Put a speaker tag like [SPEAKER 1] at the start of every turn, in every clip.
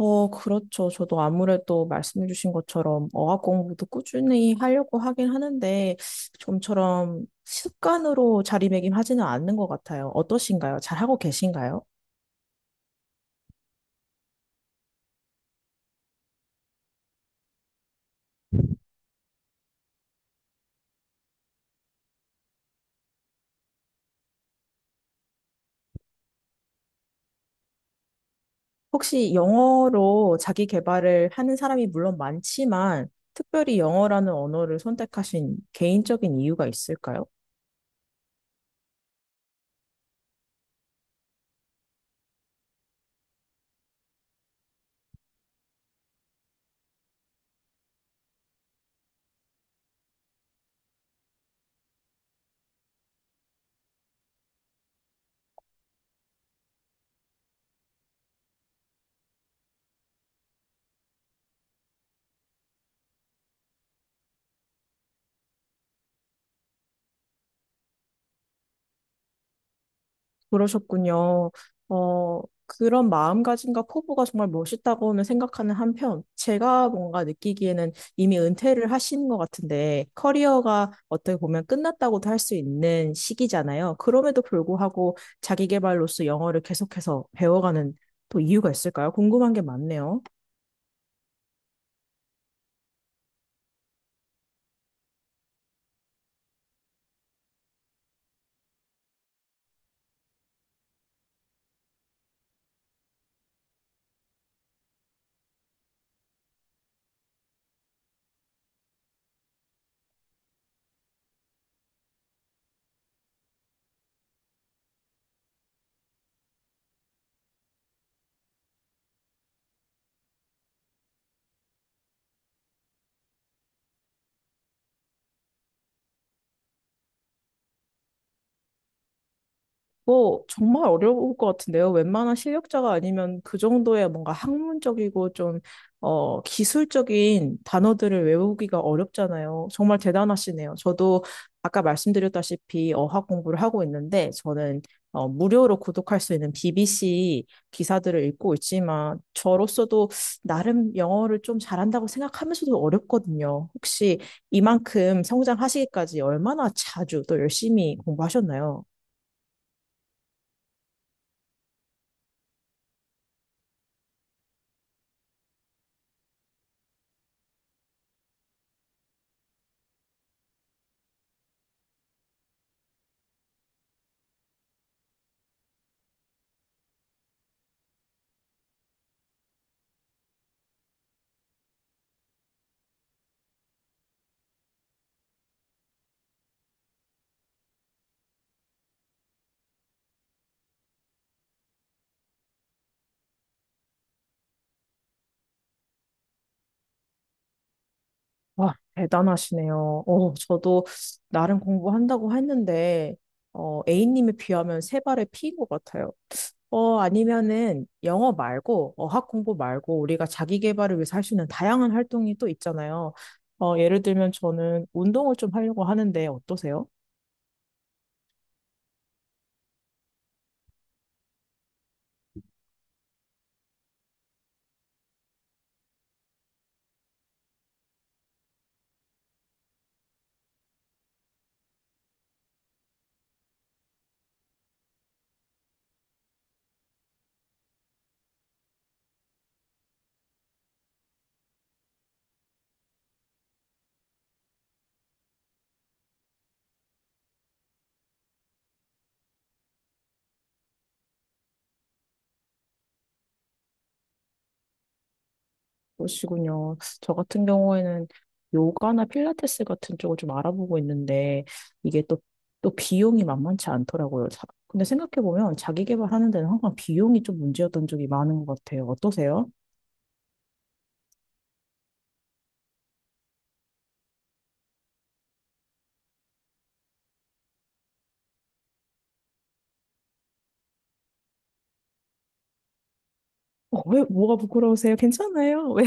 [SPEAKER 1] 그렇죠. 저도 아무래도 말씀해주신 것처럼 어학 공부도 꾸준히 하려고 하긴 하는데, 좀처럼 습관으로 자리매김하지는 않는 것 같아요. 어떠신가요? 잘하고 계신가요? 혹시 영어로 자기 개발을 하는 사람이 물론 많지만, 특별히 영어라는 언어를 선택하신 개인적인 이유가 있을까요? 그러셨군요. 그런 마음가짐과 포부가 정말 멋있다고는 생각하는 한편, 제가 뭔가 느끼기에는 이미 은퇴를 하시는 것 같은데, 커리어가 어떻게 보면 끝났다고도 할 수 있는 시기잖아요. 그럼에도 불구하고 자기 개발로서 영어를 계속해서 배워가는 또 이유가 있을까요? 궁금한 게 많네요. 뭐 정말 어려울 것 같은데요. 웬만한 실력자가 아니면 그 정도의 뭔가 학문적이고 좀 기술적인 단어들을 외우기가 어렵잖아요. 정말 대단하시네요. 저도 아까 말씀드렸다시피 어학 공부를 하고 있는데 저는 무료로 구독할 수 있는 BBC 기사들을 읽고 있지만 저로서도 나름 영어를 좀 잘한다고 생각하면서도 어렵거든요. 혹시 이만큼 성장하시기까지 얼마나 자주 또 열심히 공부하셨나요? 와, 대단하시네요. 저도 나름 공부한다고 했는데, A님에 비하면 세 발의 피인 것 같아요. 아니면은 영어 말고, 어학 공부 말고, 우리가 자기 개발을 위해서 할 수 있는 다양한 활동이 또 있잖아요. 예를 들면 저는 운동을 좀 하려고 하는데 어떠세요? 그러시군요. 저 같은 경우에는 요가나 필라테스 같은 쪽을 좀 알아보고 있는데 이게 또, 비용이 만만치 않더라고요. 근데 생각해보면 자기 개발하는 데는 항상 비용이 좀 문제였던 적이 많은 것 같아요. 어떠세요? 왜, 뭐가 부끄러우세요? 괜찮아요? 왜?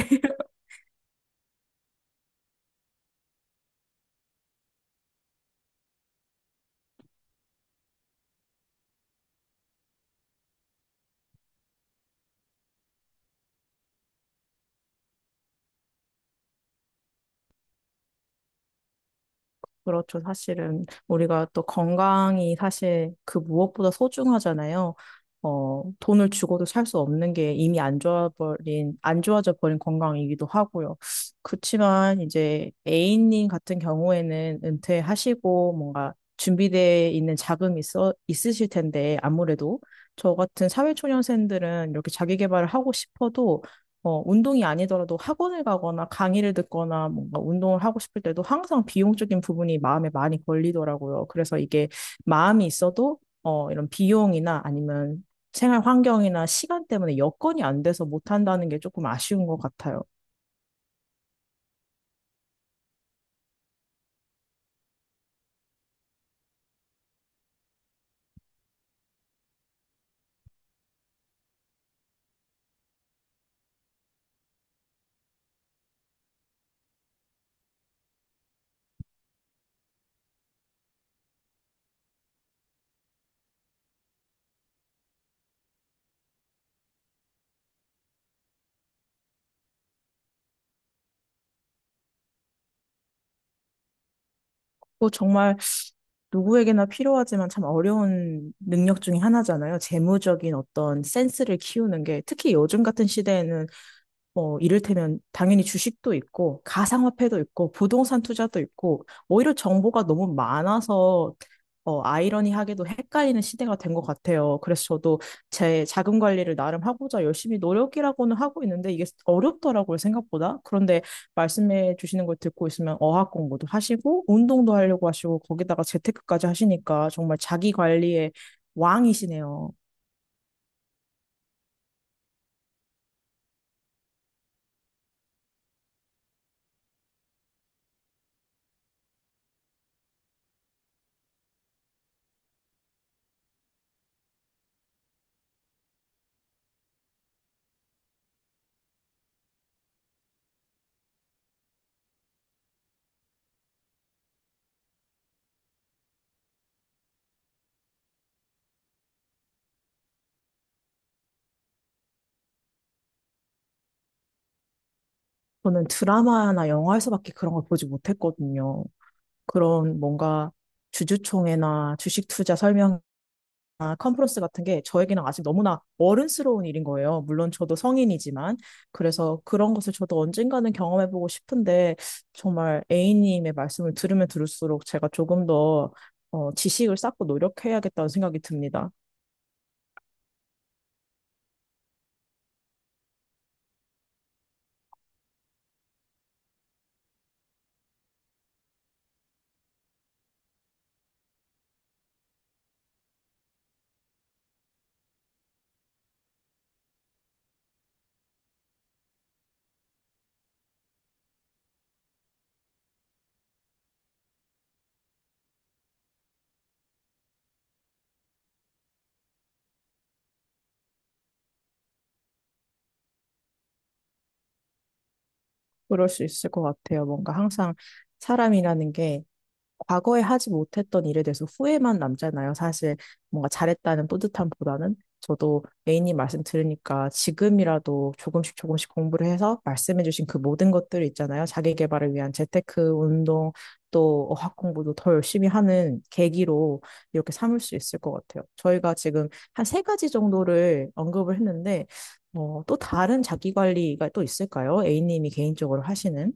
[SPEAKER 1] 그렇죠. 사실은 우리가 또 건강이 사실 그 무엇보다 소중하잖아요. 돈을 주고도 살 수 없는 게 이미 안 좋아버린, 안 좋아져 버린 건강이기도 하고요. 그렇지만 이제 A님 같은 경우에는 은퇴하시고 뭔가 준비되어 있는 자금이 있으실 텐데 아무래도 저 같은 사회초년생들은 이렇게 자기 개발을 하고 싶어도 운동이 아니더라도 학원을 가거나 강의를 듣거나 뭔가 운동을 하고 싶을 때도 항상 비용적인 부분이 마음에 많이 걸리더라고요. 그래서 이게 마음이 있어도 이런 비용이나 아니면 생활 환경이나 시간 때문에 여건이 안 돼서 못 한다는 게 조금 아쉬운 것 같아요. 또 정말 누구에게나 필요하지만 참 어려운 능력 중에 하나잖아요. 재무적인 어떤 센스를 키우는 게 특히 요즘 같은 시대에는 뭐 이를테면 당연히 주식도 있고 가상화폐도 있고 부동산 투자도 있고 오히려 정보가 너무 많아서 아이러니하게도 헷갈리는 시대가 된 것 같아요. 그래서 저도 제 자금 관리를 나름 하고자 열심히 노력이라고는 하고 있는데 이게 어렵더라고요, 생각보다. 그런데 말씀해 주시는 걸 듣고 있으면 어학 공부도 하시고 운동도 하려고 하시고 거기다가 재테크까지 하시니까 정말 자기 관리의 왕이시네요. 저는 드라마나 영화에서밖에 그런 걸 보지 못했거든요. 그런 뭔가 주주총회나 주식 투자 설명이나 컨퍼런스 같은 게 저에게는 아직 너무나 어른스러운 일인 거예요. 물론 저도 성인이지만. 그래서 그런 것을 저도 언젠가는 경험해보고 싶은데 정말 A님의 말씀을 들으면 들을수록 제가 조금 더 지식을 쌓고 노력해야겠다는 생각이 듭니다. 그럴 수 있을 것 같아요. 뭔가 항상 사람이라는 게 과거에 하지 못했던 일에 대해서 후회만 남잖아요. 사실 뭔가 잘했다는 뿌듯함보다는 저도 A님 말씀 들으니까 지금이라도 조금씩 조금씩 공부를 해서 말씀해주신 그 모든 것들 있잖아요. 자기 개발을 위한 재테크 운동 또 어학 공부도 더 열심히 하는 계기로 이렇게 삼을 수 있을 것 같아요. 저희가 지금 한 세 가지 정도를 언급을 했는데 또 다른 자기 관리가 또 있을까요? A님이 개인적으로 하시는?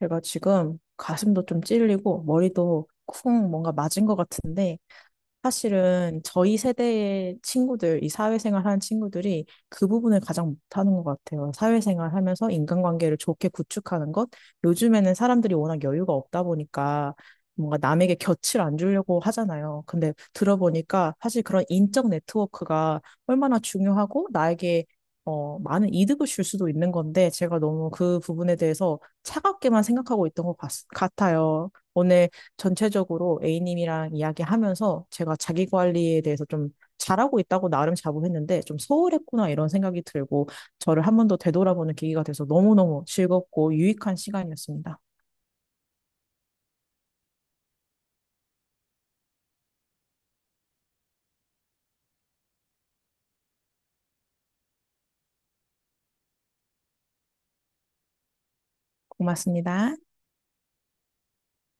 [SPEAKER 1] 제가 지금 가슴도 좀 찔리고 머리도 쿵 뭔가 맞은 것 같은데 사실은 저희 세대의 친구들, 이 사회생활 하는 친구들이 그 부분을 가장 못하는 것 같아요. 사회생활 하면서 인간관계를 좋게 구축하는 것. 요즘에는 사람들이 워낙 여유가 없다 보니까 뭔가 남에게 곁을 안 주려고 하잖아요. 근데 들어보니까 사실 그런 인적 네트워크가 얼마나 중요하고 나에게 많은 이득을 줄 수도 있는 건데 제가 너무 그 부분에 대해서 차갑게만 생각하고 있던 것 같아요. 오늘 전체적으로 A님이랑 이야기하면서 제가 자기 관리에 대해서 좀 잘하고 있다고 나름 자부했는데 좀 소홀했구나 이런 생각이 들고 저를 한 번 더 되돌아보는 계기가 돼서 너무너무 즐겁고 유익한 시간이었습니다. 고맙습니다.